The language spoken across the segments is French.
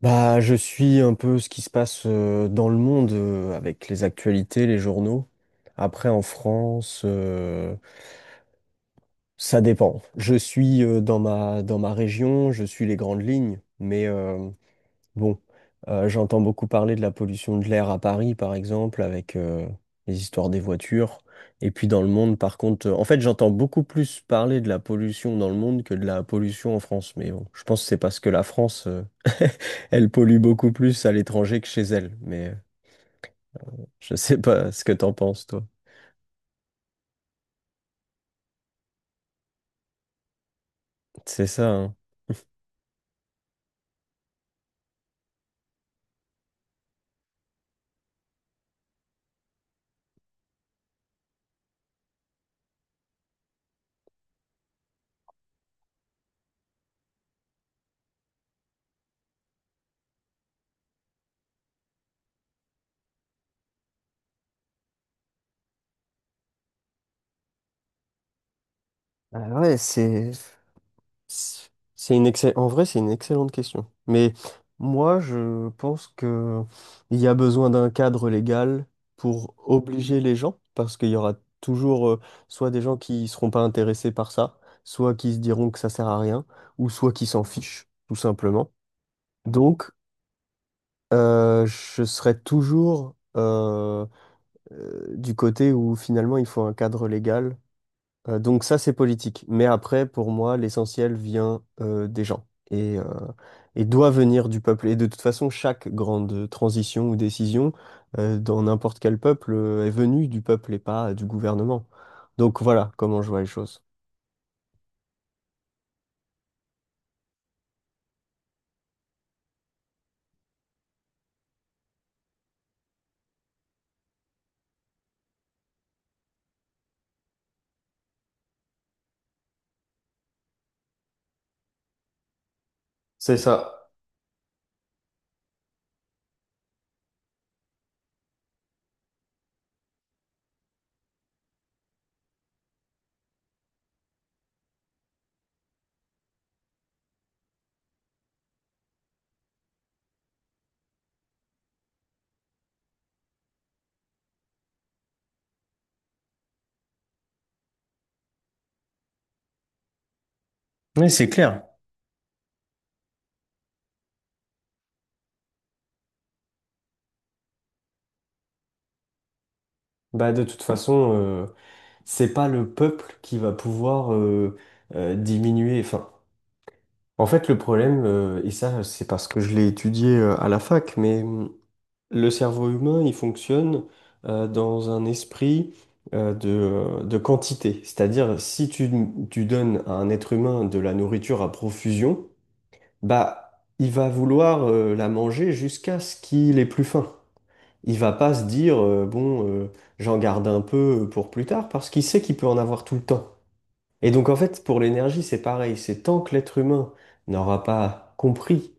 Je suis un peu ce qui se passe dans le monde avec les actualités, les journaux. Après, en France, ça dépend. Je suis dans ma région, je suis les grandes lignes, mais Bon, j'entends beaucoup parler de la pollution de l'air à Paris, par exemple, avec les histoires des voitures. Et puis dans le monde, par contre, en fait, j'entends beaucoup plus parler de la pollution dans le monde que de la pollution en France. Mais bon, je pense que c'est parce que la France, elle pollue beaucoup plus à l'étranger que chez elle. Mais je sais pas ce que t'en penses, toi. C'est ça, hein. Ah ouais, c'est. C'est c'est une en vrai, c'est une excellente question. Mais moi, je pense que il y a besoin d'un cadre légal pour obliger les gens, parce qu'il y aura toujours soit des gens qui seront pas intéressés par ça, soit qui se diront que ça sert à rien, ou soit qui s'en fichent, tout simplement. Donc, je serai toujours du côté où finalement il faut un cadre légal, donc ça, c'est politique. Mais après, pour moi, l'essentiel vient des gens et et doit venir du peuple. Et de toute façon, chaque grande transition ou décision dans n'importe quel peuple est venue du peuple et pas du gouvernement. Donc voilà comment je vois les choses. C'est ça. Oui, c'est clair. Bah, de toute façon, c'est pas le peuple qui va pouvoir diminuer. Enfin, en fait, le problème, et ça, c'est parce que je l'ai étudié à la fac, mais le cerveau humain, il fonctionne dans un esprit de quantité. C'est-à-dire, si tu, tu donnes à un être humain de la nourriture à profusion, bah, il va vouloir la manger jusqu'à ce qu'il ait plus faim. Il va pas se dire, bon, j'en garde un peu pour plus tard, parce qu'il sait qu'il peut en avoir tout le temps. Et donc en fait, pour l'énergie, c'est pareil. C'est tant que l'être humain n'aura pas compris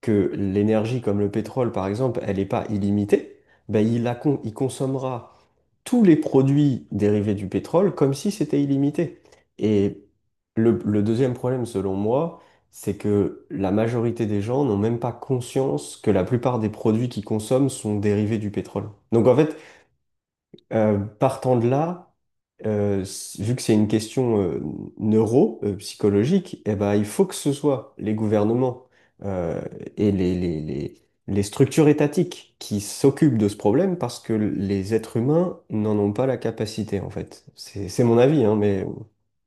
que l'énergie, comme le pétrole par exemple, elle n'est pas illimitée, ben, il consommera tous les produits dérivés du pétrole comme si c'était illimité. Et le deuxième problème, selon moi, c'est que la majorité des gens n'ont même pas conscience que la plupart des produits qu'ils consomment sont dérivés du pétrole. Donc en fait, partant de là, vu que c'est une question neuro, psychologique, eh ben, il faut que ce soit les gouvernements euh, et les structures étatiques qui s'occupent de ce problème parce que les êtres humains n'en ont pas la capacité, en fait. C'est mon avis, hein, mais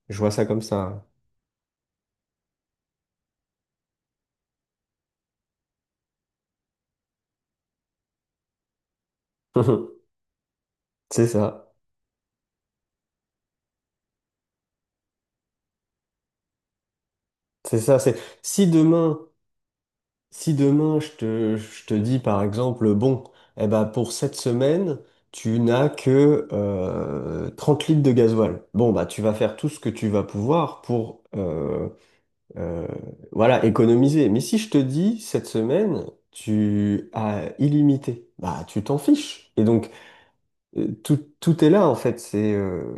je vois ça comme ça. C'est ça. C'est ça. C'est si demain. Si demain je te dis par exemple, bon, eh ben pour cette semaine, tu n'as que 30 litres de gasoil. Bon, bah tu vas faire tout ce que tu vas pouvoir pour euh, voilà, économiser. Mais si je te dis cette semaine, tu as illimité, bah tu t'en fiches. Et donc tout est là en fait. C'est,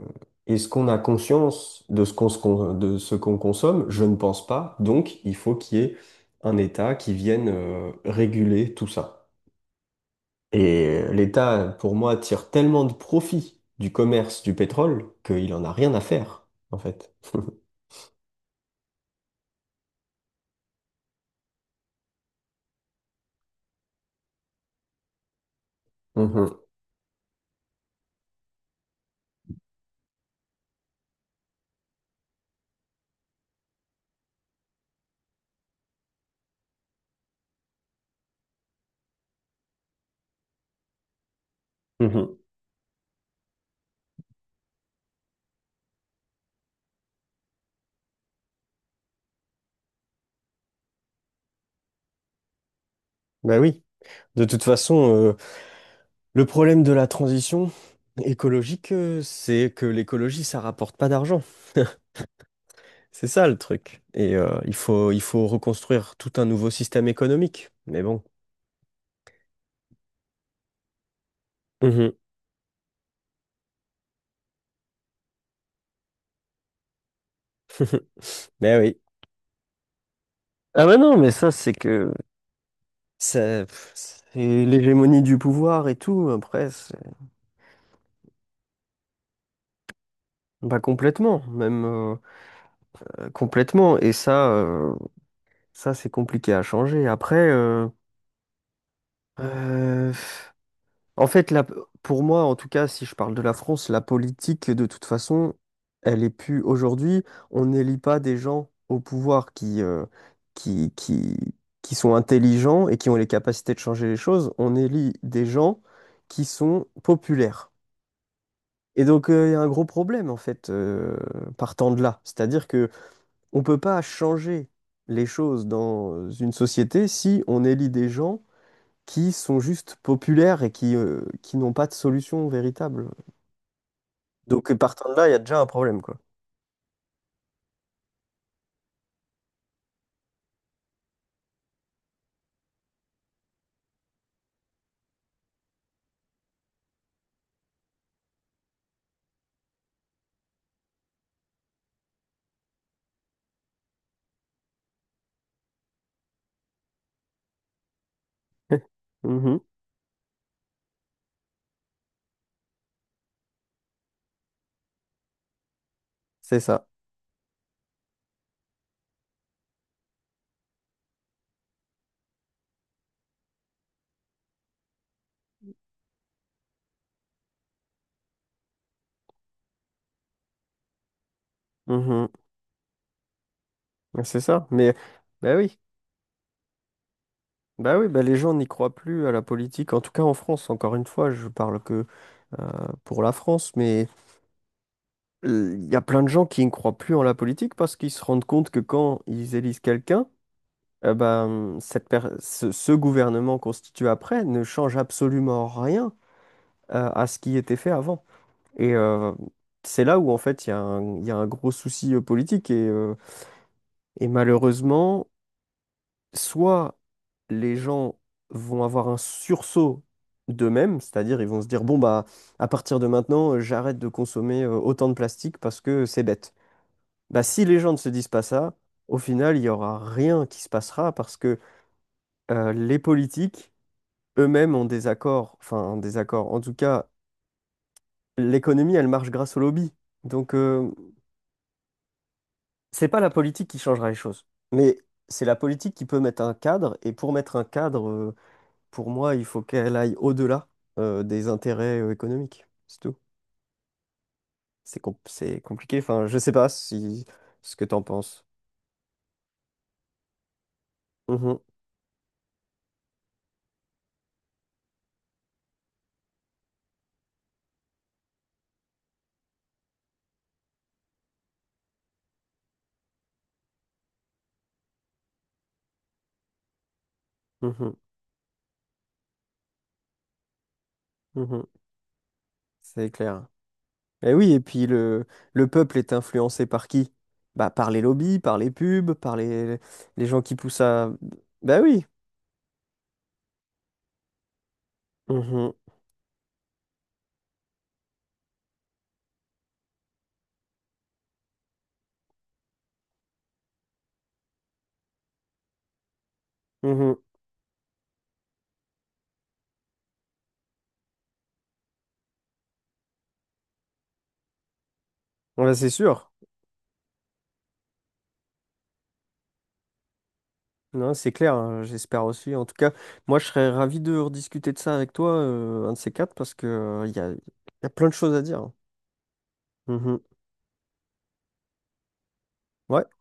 est-ce qu'on a conscience de ce qu'on de ce qu'on consomme? Je ne pense pas. Donc il faut qu'il y ait un État qui vienne réguler tout ça. Et l'État, pour moi, tire tellement de profit du commerce du pétrole qu'il en a rien à faire en fait. Mhm, mhm. Ben oui. De toute façon, le problème de la transition écologique, c'est que l'écologie, ça rapporte pas d'argent. C'est ça le truc. Et il faut reconstruire tout un nouveau système économique. Mais bon. Mhm. Mais oui. Ah bah non, mais ça, c'est que ça, pff, c'est l'hégémonie du pouvoir et tout. Pas complètement, même complètement. Et ça, c'est compliqué à changer. Euh, En fait, pour moi, en tout cas, si je parle de la France, la politique, de toute façon, elle est plus aujourd'hui. On n'élit pas des gens au pouvoir qui, qui, qui sont intelligents et qui ont les capacités de changer les choses. On élit des gens qui sont populaires. Et donc, il y a un gros problème, en fait, partant de là. C'est-à-dire que on peut pas changer les choses dans une société si on élit des gens qui sont juste populaires et qui n'ont pas de solution véritable. Donc, partant de là, il y a déjà un problème, quoi. Mhm. C'est ça. Mhm. C'est ça. Mais, bah oui, bah oui, bah les gens n'y croient plus à la politique, en tout cas en France, encore une fois, je parle que pour la France, mais il y a plein de gens qui ne croient plus en la politique parce qu'ils se rendent compte que quand ils élisent quelqu'un, cette ce gouvernement constitué après ne change absolument rien à ce qui était fait avant. Et c'est là où, en fait, il y a un gros souci politique. Et et malheureusement, soit les gens vont avoir un sursaut d'eux-mêmes, c'est-à-dire ils vont se dire, bon, bah, à partir de maintenant, j'arrête de consommer autant de plastique parce que c'est bête. Bah, si les gens ne se disent pas ça, au final, il n'y aura rien qui se passera parce que les politiques eux-mêmes ont des accords, enfin, des accords. En tout cas, l'économie, elle marche grâce au lobby. Donc, c'est pas la politique qui changera les choses, mais c'est la politique qui peut mettre un cadre. Et pour mettre un cadre, pour moi, il faut qu'elle aille au-delà des intérêts économiques. C'est tout. C'est compliqué. Enfin, je sais pas si ce que t'en penses. Mhm, mhm, mhm. C'est clair. Et oui, et puis le peuple est influencé par qui? Bah, par les lobbies, par les pubs, les gens qui poussent à... Bah oui. Mhm, mhm. Ouais, c'est sûr. Non, c'est clair, hein, j'espère aussi. En tout cas, moi, je serais ravi de rediscuter de ça avec toi, un de ces quatre, parce que, il y a plein de choses à dire. Mhm. Ouais,